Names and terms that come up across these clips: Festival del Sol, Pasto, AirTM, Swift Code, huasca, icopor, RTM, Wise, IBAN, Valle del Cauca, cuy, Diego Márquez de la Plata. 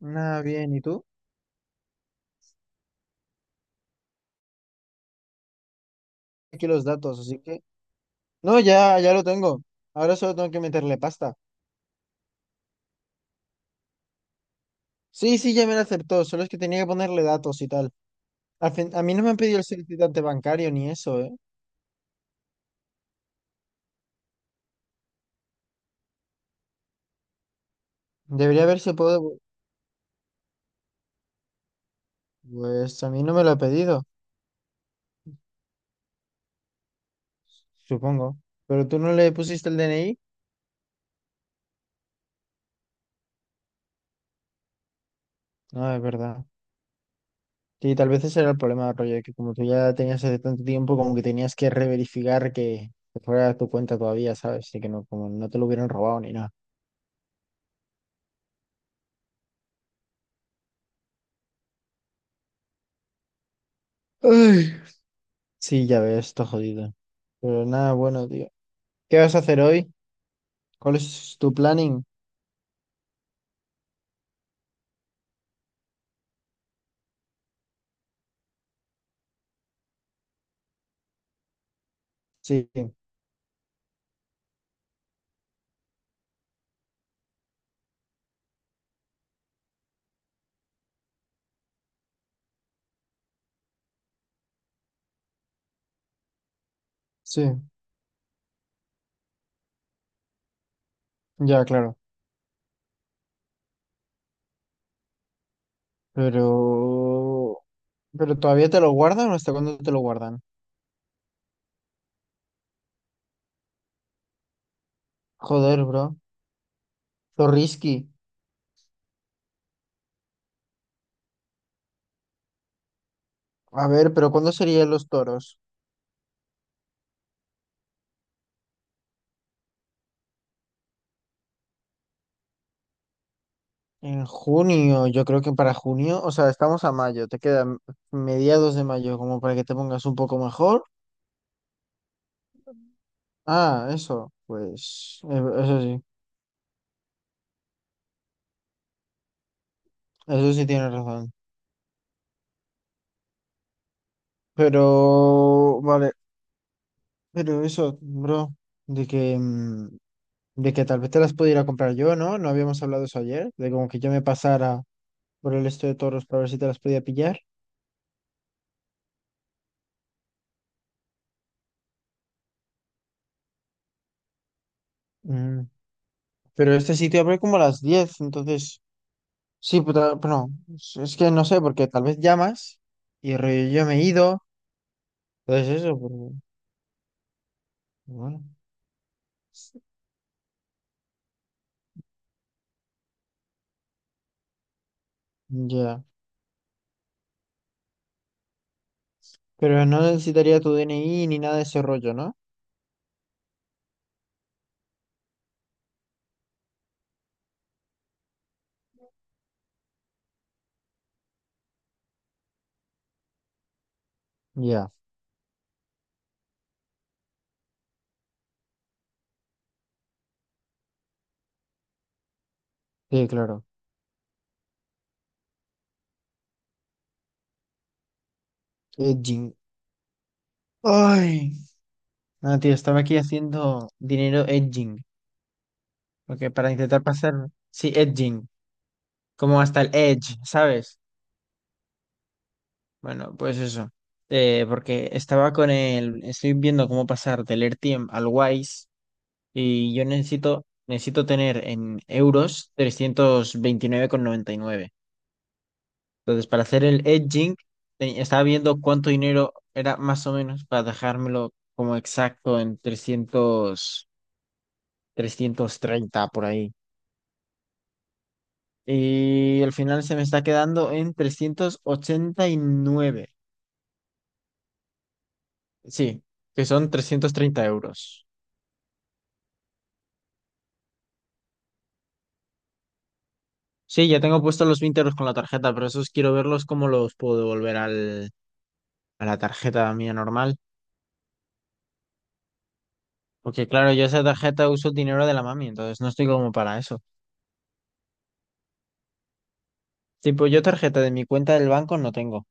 Nada bien, ¿y tú? Aquí los datos, así que... No, ya, ya lo tengo. Ahora solo tengo que meterle pasta. Sí, sí, ya me lo aceptó, solo es que tenía que ponerle datos y tal. A mí no me han pedido el certificante bancario ni eso, ¿eh? Debería haberse podido... Pues a mí no me lo ha pedido, supongo. ¿Pero tú no le pusiste el DNI? No, es verdad. Y tal vez ese era el problema, rollo, de que como tú ya tenías hace tanto tiempo, como que tenías que reverificar que fuera tu cuenta todavía, ¿sabes? Y que no, como no te lo hubieran robado ni nada. Ay. Sí, ya ves, está jodido. Pero nada, bueno, tío. ¿Qué vas a hacer hoy? ¿Cuál es tu planning? Sí, sí, ya, claro. Pero... ¿Pero todavía te lo guardan o hasta cuándo te lo guardan? Joder, bro. Zorrisky. A ver, pero ¿cuándo serían los toros? En junio, yo creo que para junio, o sea, estamos a mayo, te quedan mediados de mayo como para que te pongas un poco mejor. Ah, eso, pues, eso sí, eso sí tienes razón. Pero, vale, pero eso, bro, de que, mm, de que tal vez te las pudiera comprar yo, ¿no? No habíamos hablado eso ayer, de como que yo me pasara por el esto de toros para ver si te las podía pillar. Mm, Pero este sitio abre como a las 10, entonces, sí, puta, bueno, es que no sé, porque tal vez llamas y rollo yo me he ido, entonces eso, pero, bueno, ya. Pero no necesitaría tu DNI ni nada de ese rollo, ¿no? Ya, sí, claro. Edging. Ay. No, tío, estaba aquí haciendo dinero edging, porque para intentar pasar, sí, edging, como hasta el edge, ¿sabes? Bueno, pues eso. Porque estaba con el, estoy viendo cómo pasar del RTM al Wise y yo necesito, necesito tener en euros 329,99. Entonces, para hacer el edging, estaba viendo cuánto dinero era más o menos para dejármelo como exacto en trescientos treinta por ahí. Y al final se me está quedando en 389. Sí, que son 330 euros. Sí, ya tengo puestos los 20 euros con la tarjeta, pero esos quiero verlos cómo los puedo devolver al, a la tarjeta mía normal. Porque claro, yo esa tarjeta uso dinero de la mami, entonces no estoy como para eso. Tipo, yo tarjeta de mi cuenta del banco no tengo.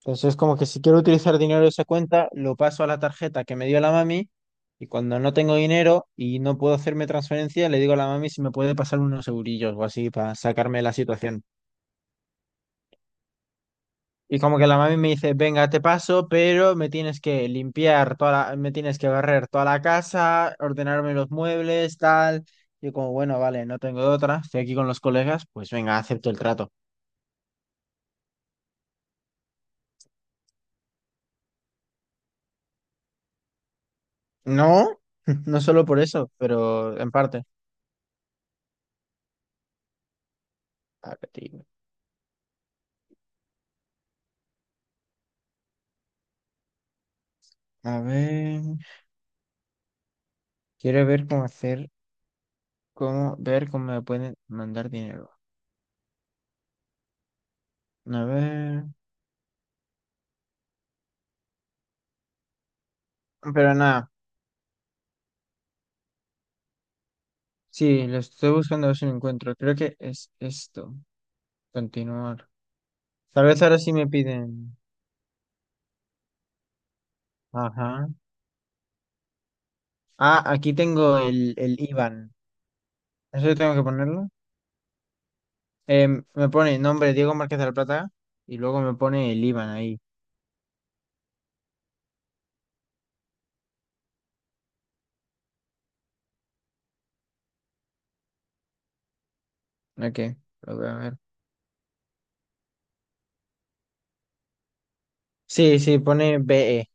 Entonces, como que si quiero utilizar dinero de esa cuenta, lo paso a la tarjeta que me dio la mami y cuando no tengo dinero y no puedo hacerme transferencia, le digo a la mami si me puede pasar unos eurillos o así para sacarme de la situación. Y como que la mami me dice, venga, te paso, pero me tienes que limpiar toda la, me tienes que barrer toda la casa, ordenarme los muebles, tal. Yo como, bueno, vale, no tengo de otra, estoy aquí con los colegas, pues venga, acepto el trato. No, no solo por eso, pero en parte. A ver. Quiero ver cómo hacer, cómo ver cómo me pueden mandar dinero. A ver. Pero nada. Sí, lo estoy buscando a ver si lo encuentro. Creo que es esto. Continuar. Tal vez ahora sí me piden. Ajá. Ah, aquí tengo el IBAN. ¿Eso tengo que ponerlo? Me pone nombre Diego Márquez de la Plata y luego me pone el IBAN ahí. Ok, lo voy a ver. Sí, sí, pone BE.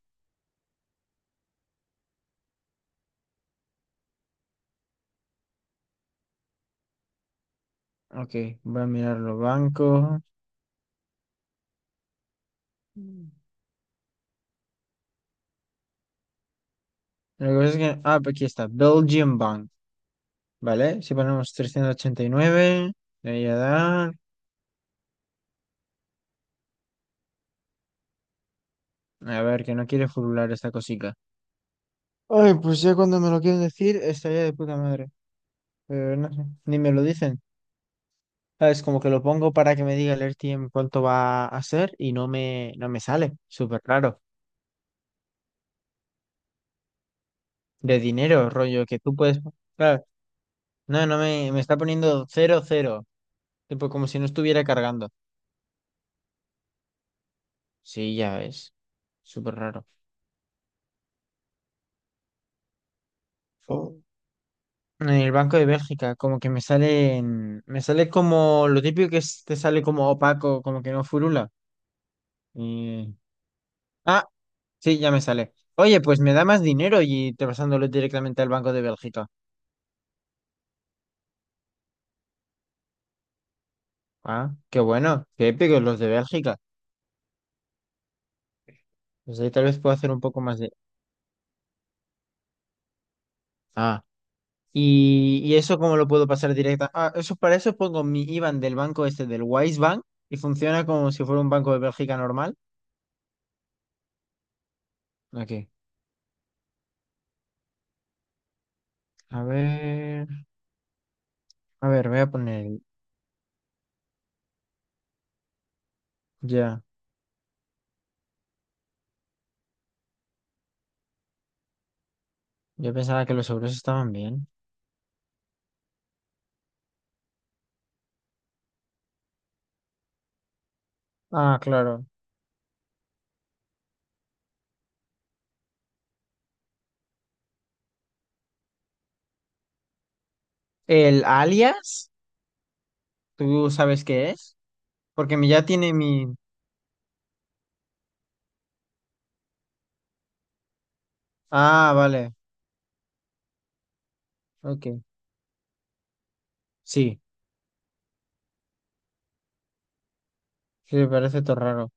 Ok, voy a mirarlo. Banco. Lo que pasa es que... Ah, pues aquí está. Belgian Bank. Vale, si ponemos 389, de ahí a dar. A ver, que no quiere furular esta cosica. Ay, pues ya cuando me lo quieren decir, estaría de puta madre. Pero no sé, ni me lo dicen. Es como que lo pongo para que me diga el AirTM cuánto va a ser y no me sale. Súper raro. De dinero, rollo, que tú puedes. Claro, no, me está poniendo cero cero. Tipo, como si no estuviera cargando. Sí, ya ves. Súper raro. En el Banco de Bélgica, como que me sale como lo típico que te sale como opaco, como que no furula. Y- Ah, sí, ya me sale. Oye, pues me da más dinero y te pasándolo directamente al Banco de Bélgica. Ah, qué bueno, qué épicos los de Bélgica. Pues ahí tal vez puedo hacer un poco más de. Ah, y eso cómo lo puedo pasar directa. Ah, eso para eso pongo mi IBAN del banco este, del Wise Bank, y funciona como si fuera un Banco de Bélgica normal. Aquí. A ver, a ver, voy a poner... Ya. Yo pensaba que los euros estaban bien. Ah, claro. ¿El alias? ¿Tú sabes qué es? Porque ya tiene mi... Ah, vale. Ok. Sí. Sí, me parece todo raro.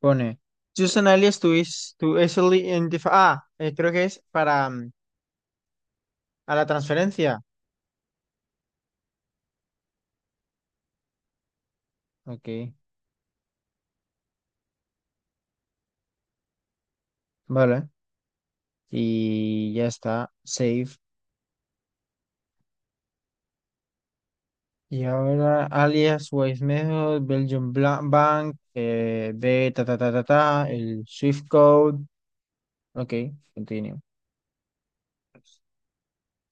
Pone... Use an alias to, is, to easily identify... Ah, creo que es para... a la transferencia. Ok. Vale. Y ya está. Save. Y ahora alias, Wise Method, Bank, de ta ta ta ta ta, el Swift Code. Ok, continue.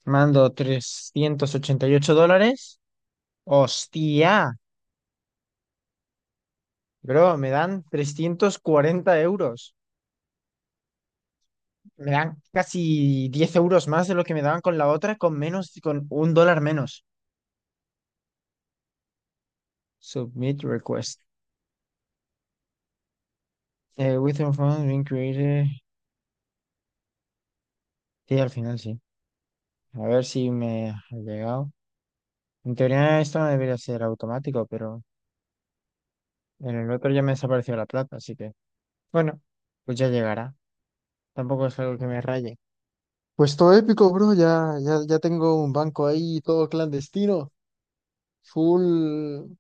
Mando 388 dólares. Hostia, bro, me dan 340 euros. Me dan casi 10 euros más de lo que me daban con la otra, con menos, con 1 dólar menos. Submit request. Within funds being created. Sí, al final sí. A ver si me ha llegado. En teoría esto no debería ser automático, pero en el otro ya me desapareció la plata, así que bueno, pues ya llegará. Tampoco es algo que me raye. Pues todo épico, bro. Ya, ya, ya tengo un banco ahí, todo clandestino. Full,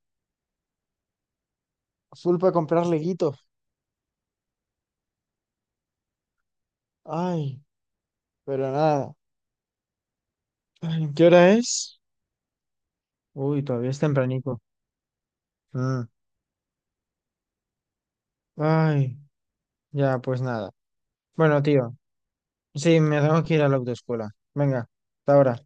full para comprar leguito. Ay, pero nada. Ay, ¿qué hora es? Uy, todavía es tempranito. Mm. Ay, ya, pues nada. Bueno, tío. Sí, me tengo que ir a la autoescuela. Venga, hasta ahora.